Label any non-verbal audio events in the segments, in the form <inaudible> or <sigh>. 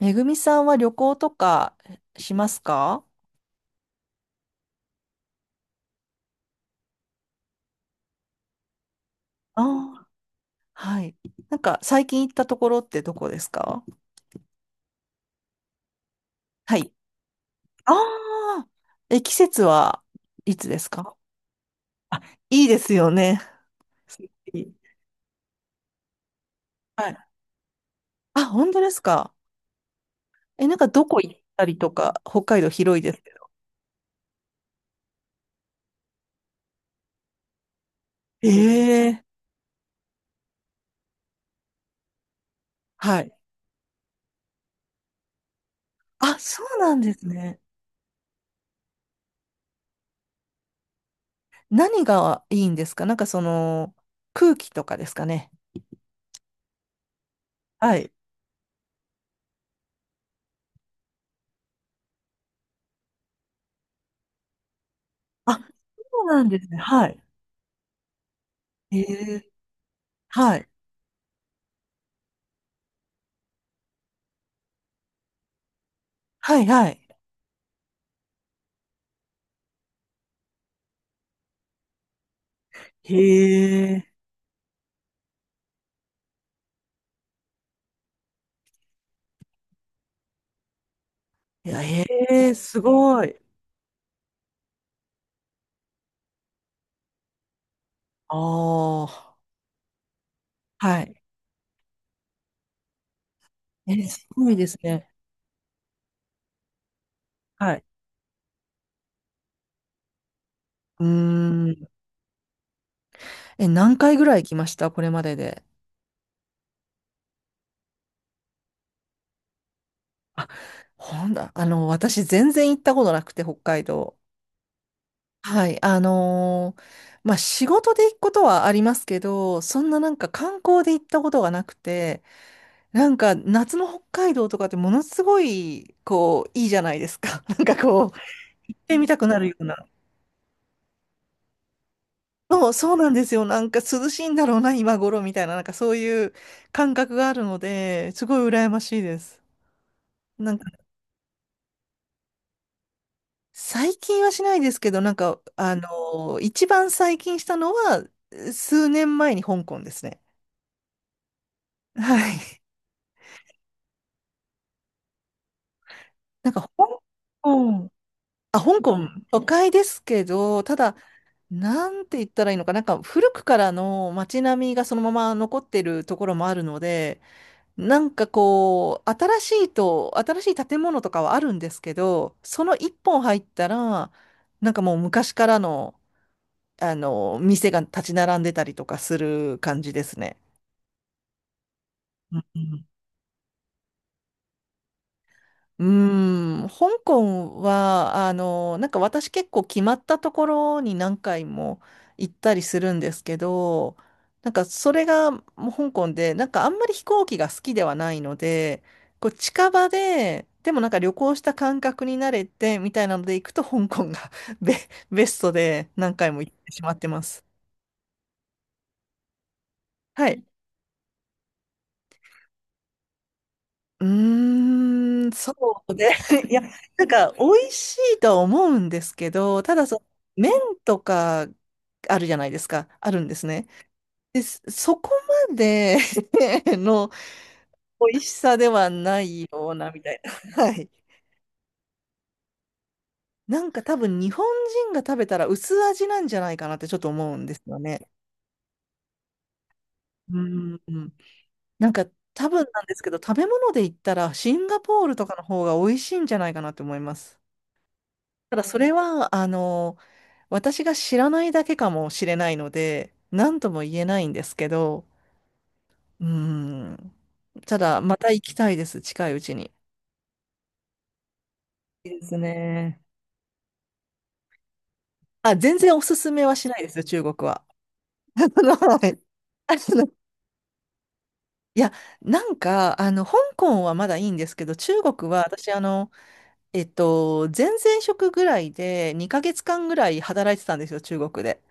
めぐみさんは旅行とかしますか？ああー。はい。なんか最近行ったところってどこですか？はい。ああ、え、季節はいつですか？いいですよね。<laughs> いい。はい。あ、本当ですか？え、なんかどこ行ったりとか、北海道広いです？ええ。はい。あ、そうなんですね。何がいいんですか？なんかその、空気とかですかね。はい。あ、そうなんですね。はい。ええ。はい。はい、はい。へえ。いや、へえ、すごい。ああ、はい。え、すごいですね。はい。うーん。え、何回ぐらい行きましたこれまでで？あ、ほんだ、私全然行ったことなくて、北海道。はい、まあ、仕事で行くことはありますけど、そんななんか観光で行ったことがなくて、なんか夏の北海道とかってものすごい、こう、いいじゃないですか。<laughs> なんかこう、行ってみたくなるような。そう、そうなんですよ。なんか涼しいんだろうな、今頃みたいな、なんかそういう感覚があるので、すごい羨ましいです。なんか最近はしないですけど、なんか、一番最近したのは、数年前に香港ですね。<laughs> はい。<laughs> なんか、香港、あ、香港、都会ですけど、ただ、なんて言ったらいいのか、なんか古くからの街並みがそのまま残ってるところもあるので、なんかこう、新しい建物とかはあるんですけど、その一本入ったら、なんかもう昔からの、店が立ち並んでたりとかする感じですね。うん。うーん、香港は、なんか私結構決まったところに何回も行ったりするんですけど、なんかそれがもう香港で、なんかあんまり飛行機が好きではないので、こう近場で、でもなんか旅行した感覚になれてみたいなので行くと香港が <laughs> ベ、ベストで何回も行ってしまってます。はい。うーん、そうで、<laughs> いや、なんか、美味しいとは思うんですけど、ただそ、麺とかあるじゃないですか、あるんですね。で、そそこまで <laughs> の美味しさではないような、みたいな。<laughs> はい。なんか多分、日本人が食べたら薄味なんじゃないかなってちょっと思うんですよね。うん。なんか、多分なんですけど、食べ物で言ったら、シンガポールとかの方が美味しいんじゃないかなって思います。ただそれは、私が知らないだけかもしれないので、何とも言えないんですけど、うーん。ただ、また行きたいです、近いうちに。いいですね。あ、全然おすすめはしないですよ、中国は。<laughs> あの、はい。<laughs> あのいや、なんか、香港はまだいいんですけど、中国は私、前々職ぐらいで2ヶ月間ぐらい働いてたんですよ、中国で。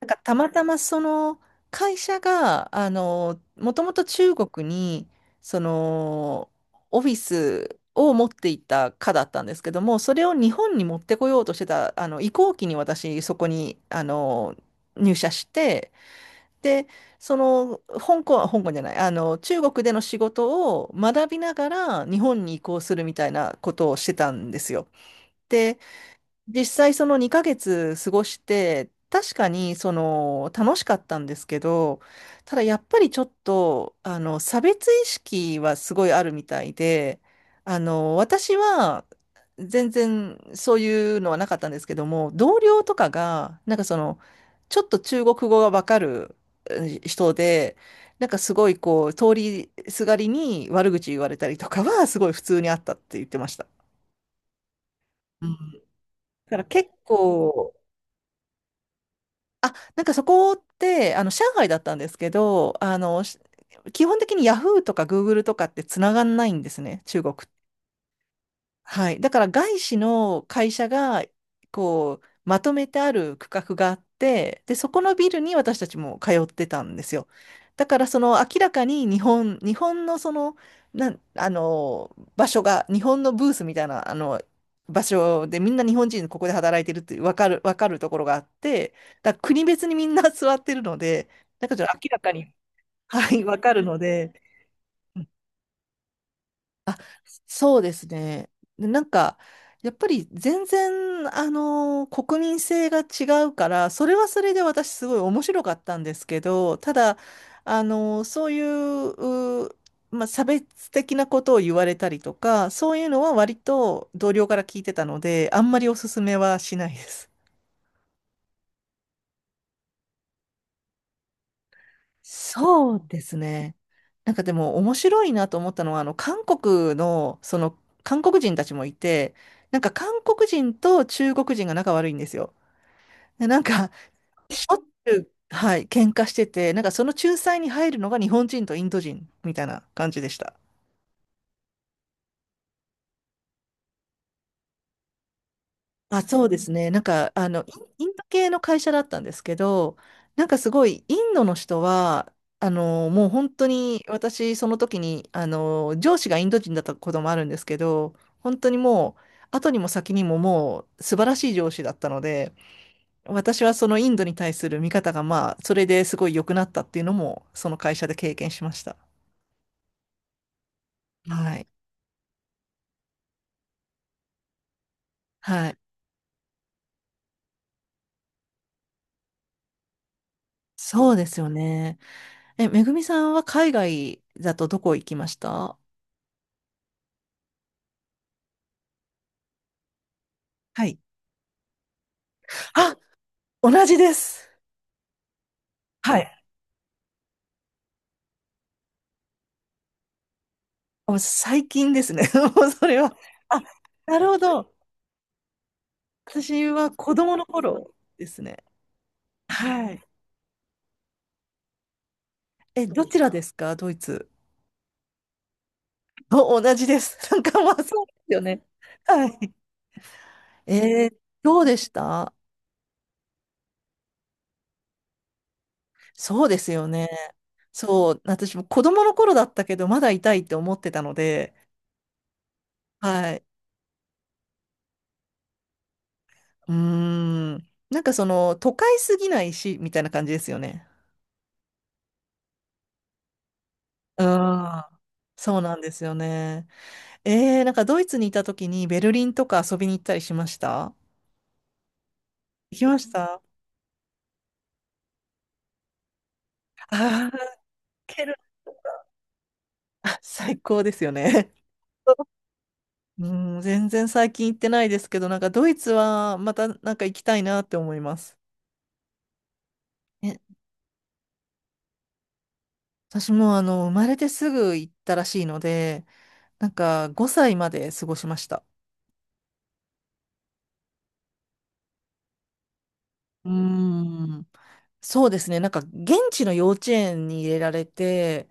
なんかたまたまその会社が、もともと中国に、その、オフィスを持っていた課だったんですけども、それを日本に持ってこようとしてた、移行期に私、そこに、入社して、で、その、香港、香港じゃない、中国での仕事を学びながら日本に移行するみたいなことをしてたんですよ。で実際その2ヶ月過ごして、確かにその楽しかったんですけど、ただやっぱりちょっと、差別意識はすごいあるみたいで、私は全然そういうのはなかったんですけども、同僚とかが、なんかその、ちょっと中国語がわかる、うん、人で、なんかすごいこう、通りすがりに悪口言われたりとかはすごい普通にあったって言ってました。うん。だから結構、あ、なんかそこって、上海だったんですけど、基本的にヤフーとかグーグルとかってつながんないんですね、中国っはい。だから外資の会社が、こう、まとめてある区画があって、で、そこのビルに私たちも通ってたんですよ。だから、その明らかに日本のその、場所が、日本のブースみたいな、場所でみんな日本人ここで働いてるってわかる、ところがあって、だから国別にみんな座ってるので、だからちょっと明らかに、はい、わかるので、そうですね。で、なんか、やっぱり全然、国民性が違うから、それはそれで私すごい面白かったんですけど、ただ、そういう、うー、まあ、差別的なことを言われたりとか、そういうのは割と同僚から聞いてたので、あんまりおすすめはしないです。そうですね。なんかでも面白いなと思ったのは、韓国の、その、韓国人たちもいて、なんか韓国人と中国人が仲悪いんですよ。でなんか、しょっちゅう、はい、喧嘩してて、なんかその仲裁に入るのが日本人とインド人みたいな感じでした。あ、そうですね。なんか、インド系の会社だったんですけど、なんかすごい、インドの人は、もう本当に、私、その時に、上司がインド人だったこともあるんですけど、本当にもう、後にも先にももう、素晴らしい上司だったので、私はそのインドに対する見方が、まあ、それですごい良くなったっていうのも、その会社で経験しました。はい。はい。そうですよね。え、めぐみさんは海外だとどこ行きました？はい。あ、同じです。はい。もう最近ですね。<laughs> もうそれは。あ、なるほど。私は子供の頃ですね。はい。え、どちらですか、ドイツ？お、同じです。<laughs> なんかまあそうですよね。はい。えー、どうでした？そうですよね。そう。私も子供の頃だったけど、まだ痛いって思ってたので、はい。うーん。なんかその、都会すぎないし、みたいな感じですよね。うん。そうなんですよね。えー、なんかドイツにいた時にベルリンとか遊びに行ったりしました？行きました。ああー、ケルン。あ、最高ですよね。うん、全然最近行ってないですけど、なんかドイツはまたなんか行きたいなって思います。え、私も生まれてすぐ行ったらしいので、なんか5歳まで過ごしました。うーん。そうですね。なんか、現地の幼稚園に入れられて、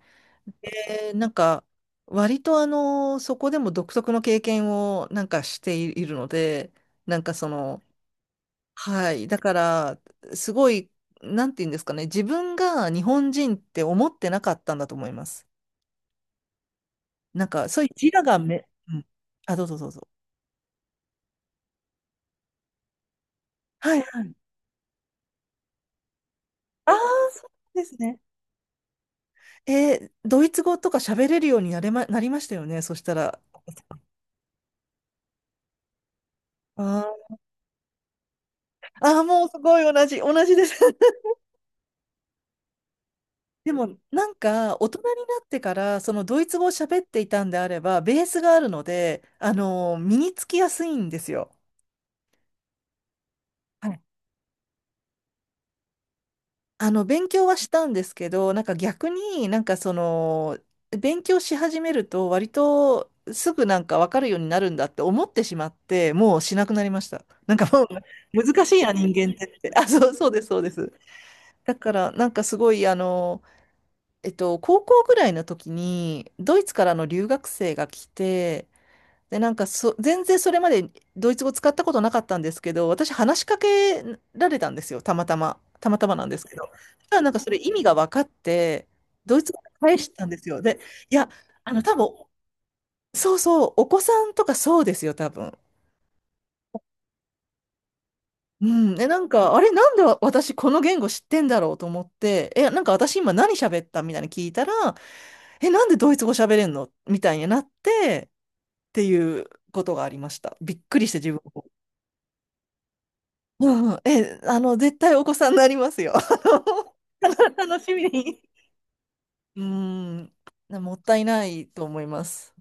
で、なんか、割とそこでも独特の経験をなんかしてい <laughs> るので、なんかその、はい。だから、すごい、なんて言うんですかね。自分が日本人って思ってなかったんだと思います。なんか、そういう自我がめ、うん。あ、どうぞどうぞ。はいはい。ああ、そうですね。えー、ドイツ語とか喋れるようにななりましたよね。そしたら。ああ。ああ、もうすごい同じ、同じです。<laughs> でも、なんか、大人になってから、そのドイツ語を喋っていたんであれば、ベースがあるので、身につきやすいんですよ。はい。勉強はしたんですけど、なんか逆になんかその、勉強し始めると、割とすぐなんかわかるようになるんだって思ってしまって、もうしなくなりました。なんかもう、<laughs> 難しいな、人間ってって。あ、そう、そうです、そうです。だから、なんかすごい、高校ぐらいの時に、ドイツからの留学生が来て、で、なんかそ、全然それまでドイツ語使ったことなかったんですけど、私話しかけられたんですよ、たまたま。たまたまなんですけど。そしたらなんかそれ意味が分かって、ドイツ語で返したんですよ。で、いや、多分、そうそう、お子さんとかそうですよ、多分。うん、え、なんか、あれ、なんで私この言語知ってんだろうと思って、え、なんか私今何喋ったみたいに聞いたら、え、なんでドイツ語喋れんのみたいになって、っていうことがありました。びっくりして自分も。うんうん、え、絶対お子さんになりますよ。<laughs> あの、楽しみに。<laughs> うん、もったいないと思います。